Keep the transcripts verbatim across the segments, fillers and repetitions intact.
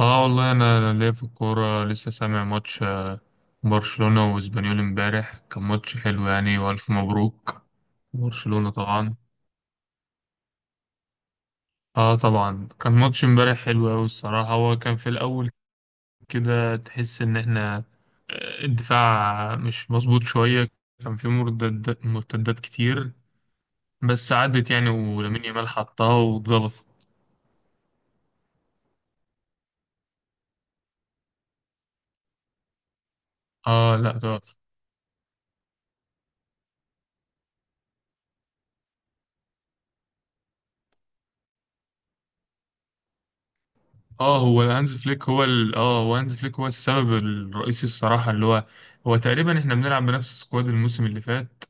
اه والله، انا أنا ليا في الكوره. لسه سامع ماتش برشلونه واسبانيول امبارح. كان ماتش حلو يعني، والف مبروك برشلونه طبعا. اه طبعا، كان ماتش امبارح حلو قوي الصراحه. هو كان في الاول كده، تحس ان احنا آه، الدفاع مش مظبوط شويه. كان في مرتدات مرتدات كتير، بس عدت يعني، ولامين يامال حطها واتظبطت. اه لا. اه، هو هانز فليك هو ال... اه هو هانز فليك هو السبب الرئيسي الصراحة، اللي هو هو تقريبا احنا بنلعب بنفس السكواد الموسم اللي فات،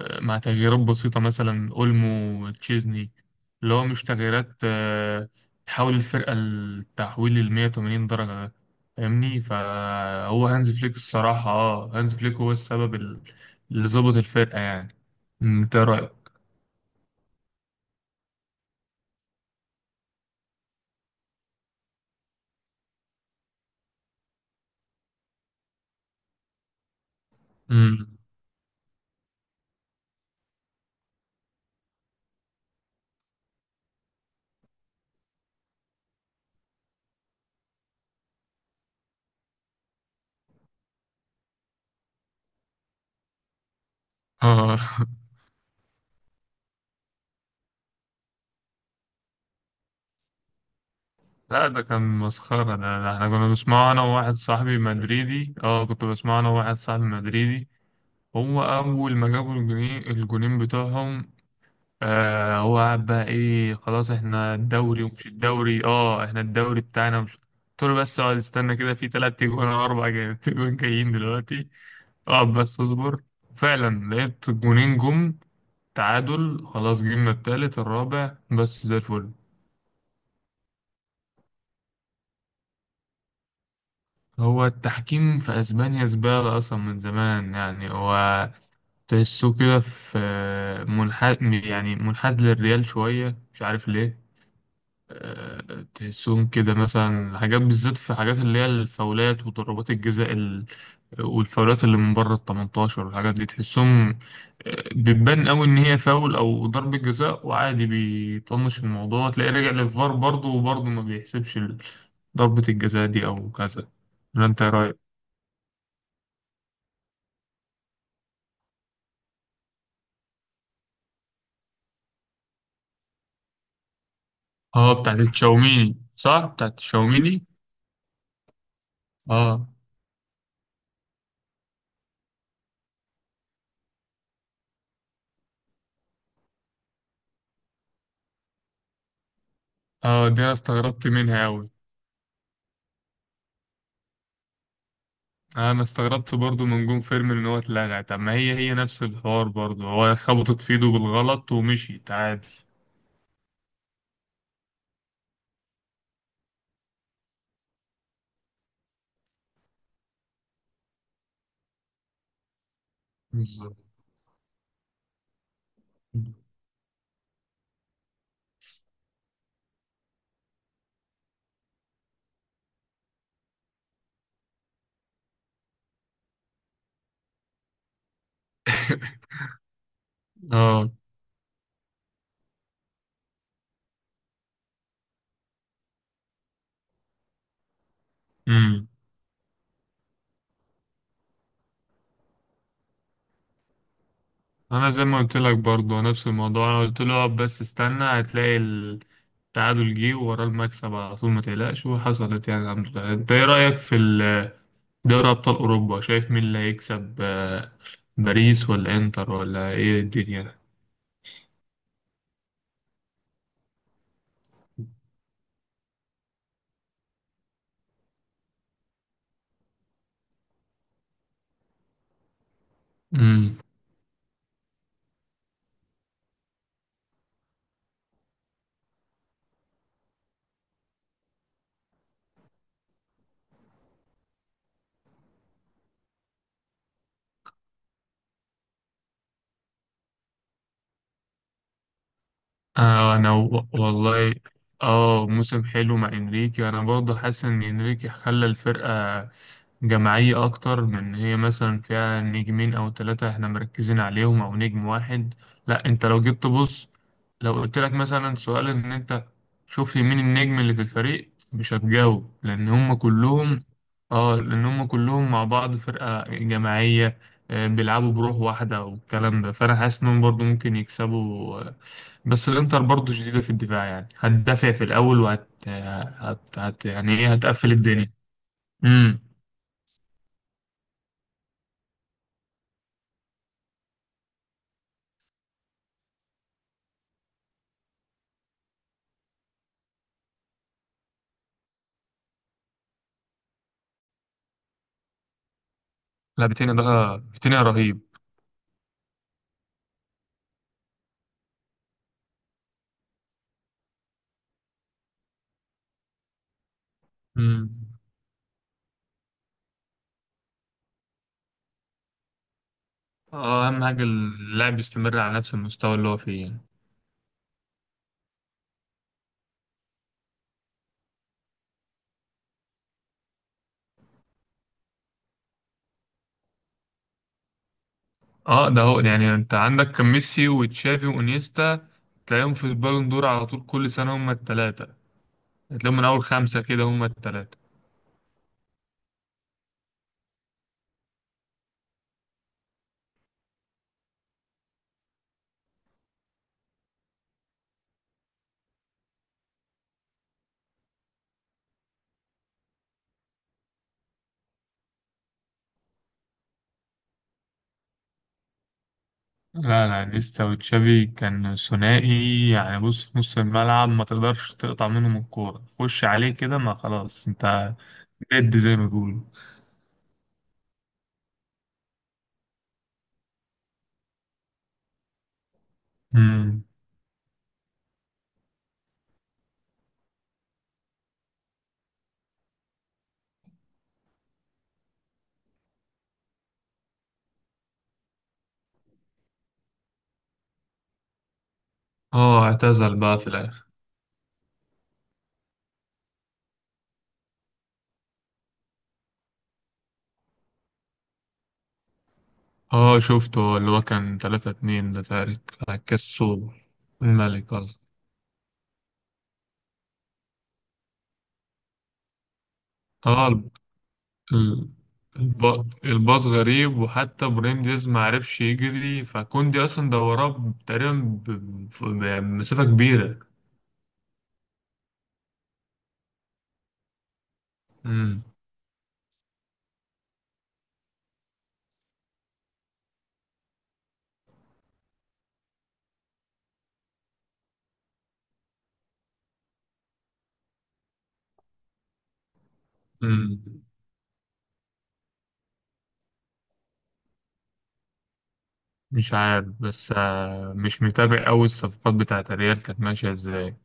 آه، مع تغييرات بسيطة مثلا اولمو، تشيزني. اللي هو مش تغييرات، آه، تحول الفرقة التحويل ل مية وتمانين درجة ده، فاهمني. فهو هانز فليك الصراحة، اه هانز فليك هو السبب ال- اللي ظبط الفرقة يعني. انت رأيك؟ مم. اه. لا، ده كان مسخرة. ده, ده احنا كنا بنسمعه أنا وواحد صاحبي مدريدي اه كنت بسمعه أنا وواحد صاحبي مدريدي. هو أول ما جابوا الجونين الجونين بتوعهم. آه هو قعد بقى إيه، خلاص احنا الدوري ومش الدوري، اه احنا الدوري بتاعنا ومش، قلت له بس اقعد استنى كده، في تلات تجوان أو أربع جاي- تجوان جايين دلوقتي. اقعد بس اصبر، فعلا لقيت جونين جم، تعادل، خلاص جبنا التالت الرابع بس زي الفل. هو التحكيم في اسبانيا زبالة اصلا من زمان يعني. هو تحسه كده في منحاز، يعني منحاز للريال شوية، مش عارف ليه. أه، تحسهم كده مثلا حاجات بالذات، في حاجات اللي هي الفاولات وضربات الجزاء ال- والفاولات اللي من بره ال تمنتاشر والحاجات دي، تحسهم أه، بتبان قوي ان هي فاول او ضربة جزاء، وعادي بيطنش الموضوع. تلاقيه راجع للفار برضه وبرضه ما بيحسبش ال- ضربة الجزاء دي او كذا. ولا انت إيه رايك؟ اه بتاعت الشاوميني، صح، بتاعت الشاوميني. اه اه. دي انا استغربت منها اوي. انا استغربت برضو من جون فيرمين ان هو اتلغى. طب ما هي هي نفس الحوار برضو. هو خبطت في ايده بالغلط ومشيت عادي. بالظبط. اه. امم انا زي ما قلت لك برضو نفس الموضوع. انا قلت له اقعد بس استنى، هتلاقي التعادل جه وراه المكسب على طول، ما تقلقش. وحصلت يعني الحمد لله. انت ايه رايك في ال دوري أبطال أوروبا؟ شايف مين اللي هيكسب؟ آه، باريس ولا إنتر ولا إيه الدنيا ده؟ امم آه أنا و- والله، آه موسم حلو مع إنريكي. أنا برضه حاسس إن إنريكي خلى الفرقة جماعية أكتر من إن هي مثلا فيها نجمين أو ثلاثة إحنا مركزين عليهم أو نجم واحد. لأ، أنت لو جيت تبص، لو قلت لك مثلا سؤال إن أنت شوف لي مين النجم اللي في الفريق، مش هتجاوب لأن هم كلهم. آه لأن هم كلهم مع بعض فرقة جماعية. آه، بيلعبوا بروح واحدة والكلام ده. فأنا حاسس إنهم برضو ممكن يكسبوا. آه، بس الإنتر برضو شديدة في الدفاع يعني، هتدافع في الأول وهت هت... هت... يعني إيه، هتقفل الدنيا. مم. لا، فيتينيا ده فيتينيا رهيب. مم. اه، اهم حاجه اللاعب يستمر على نفس المستوى اللي هو فيه يعني. اه، ده هو يعني، انت عندك كان ميسي وتشافي وانيستا، تلاقيهم في البالون دور على طول، كل سنه هم الثلاثه. تلاقيهم من اول خمسه كده هم الثلاثه. لا لا، انيستا وتشافي كان ثنائي يعني. بص، في نص الملعب ما تقدرش تقطع منهم الكوره، خش عليه كده ما خلاص، انت ديد زي ما بيقولوا. مم. اه، اعتزل بقى في الاخر. اه شفته، اللي هو كان تلاتة اتنين ده تقريبا، بتاع الكسول، الملك قصدي. اه، الب... ال- الب... الباص غريب، وحتى ابراهيم دياز ما عرفش يجري، فكوندي اصلا ده وراه ب- تقريبا ب... ب- بمسافة كبيرة. مم. مم. مش عارف، بس آه، مش متابع أوي الصفقات بتاعت الريال كانت ماشية ازاي.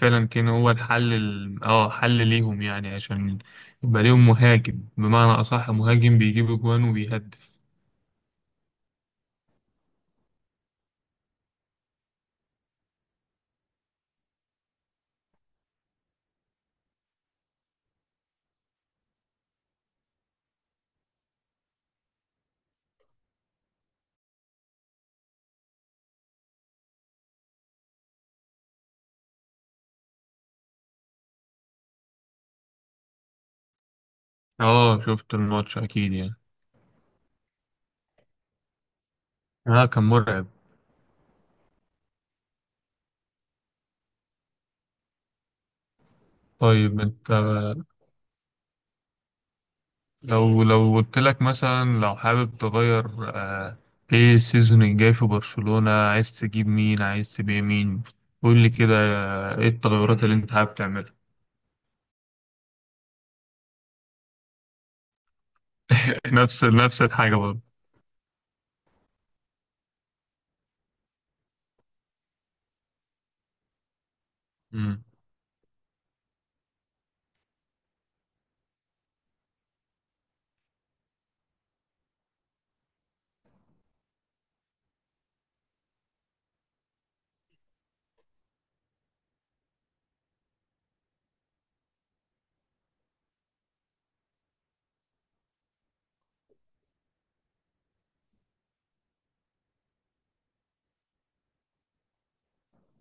فعلا كان هو الحل ال... اه حل ليهم يعني، عشان يبقى ليهم مهاجم بمعنى أصح، مهاجم بيجيب أجوان وبيهدف. اه شفت الماتش أكيد يعني. اه كان مرعب. طيب انت، لو لو قلت لك مثلا، لو حابب تغير آه، ايه السيزون الجاي في برشلونة، عايز تجيب مين، عايز تبيع مين؟ قول لي كده، آه، ايه التغيرات اللي انت حابب تعملها؟ نفس نفس الحاجة. برضه.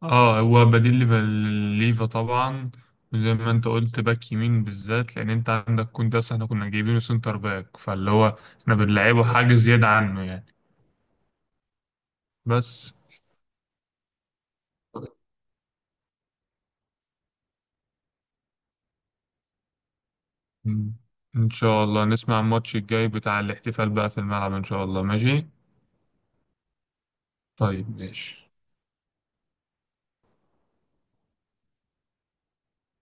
اه هو بديل ليفا، ليفا طبعا. وزي ما انت قلت باك يمين بالذات، لان انت عندك كونداس احنا كنا جايبينه سنتر باك، فاللي هو احنا بنلعبه حاجة زيادة عنه يعني. بس. مم. ان شاء الله نسمع الماتش الجاي بتاع الاحتفال بقى في الملعب، ان شاء الله ماشي. طيب ماشي.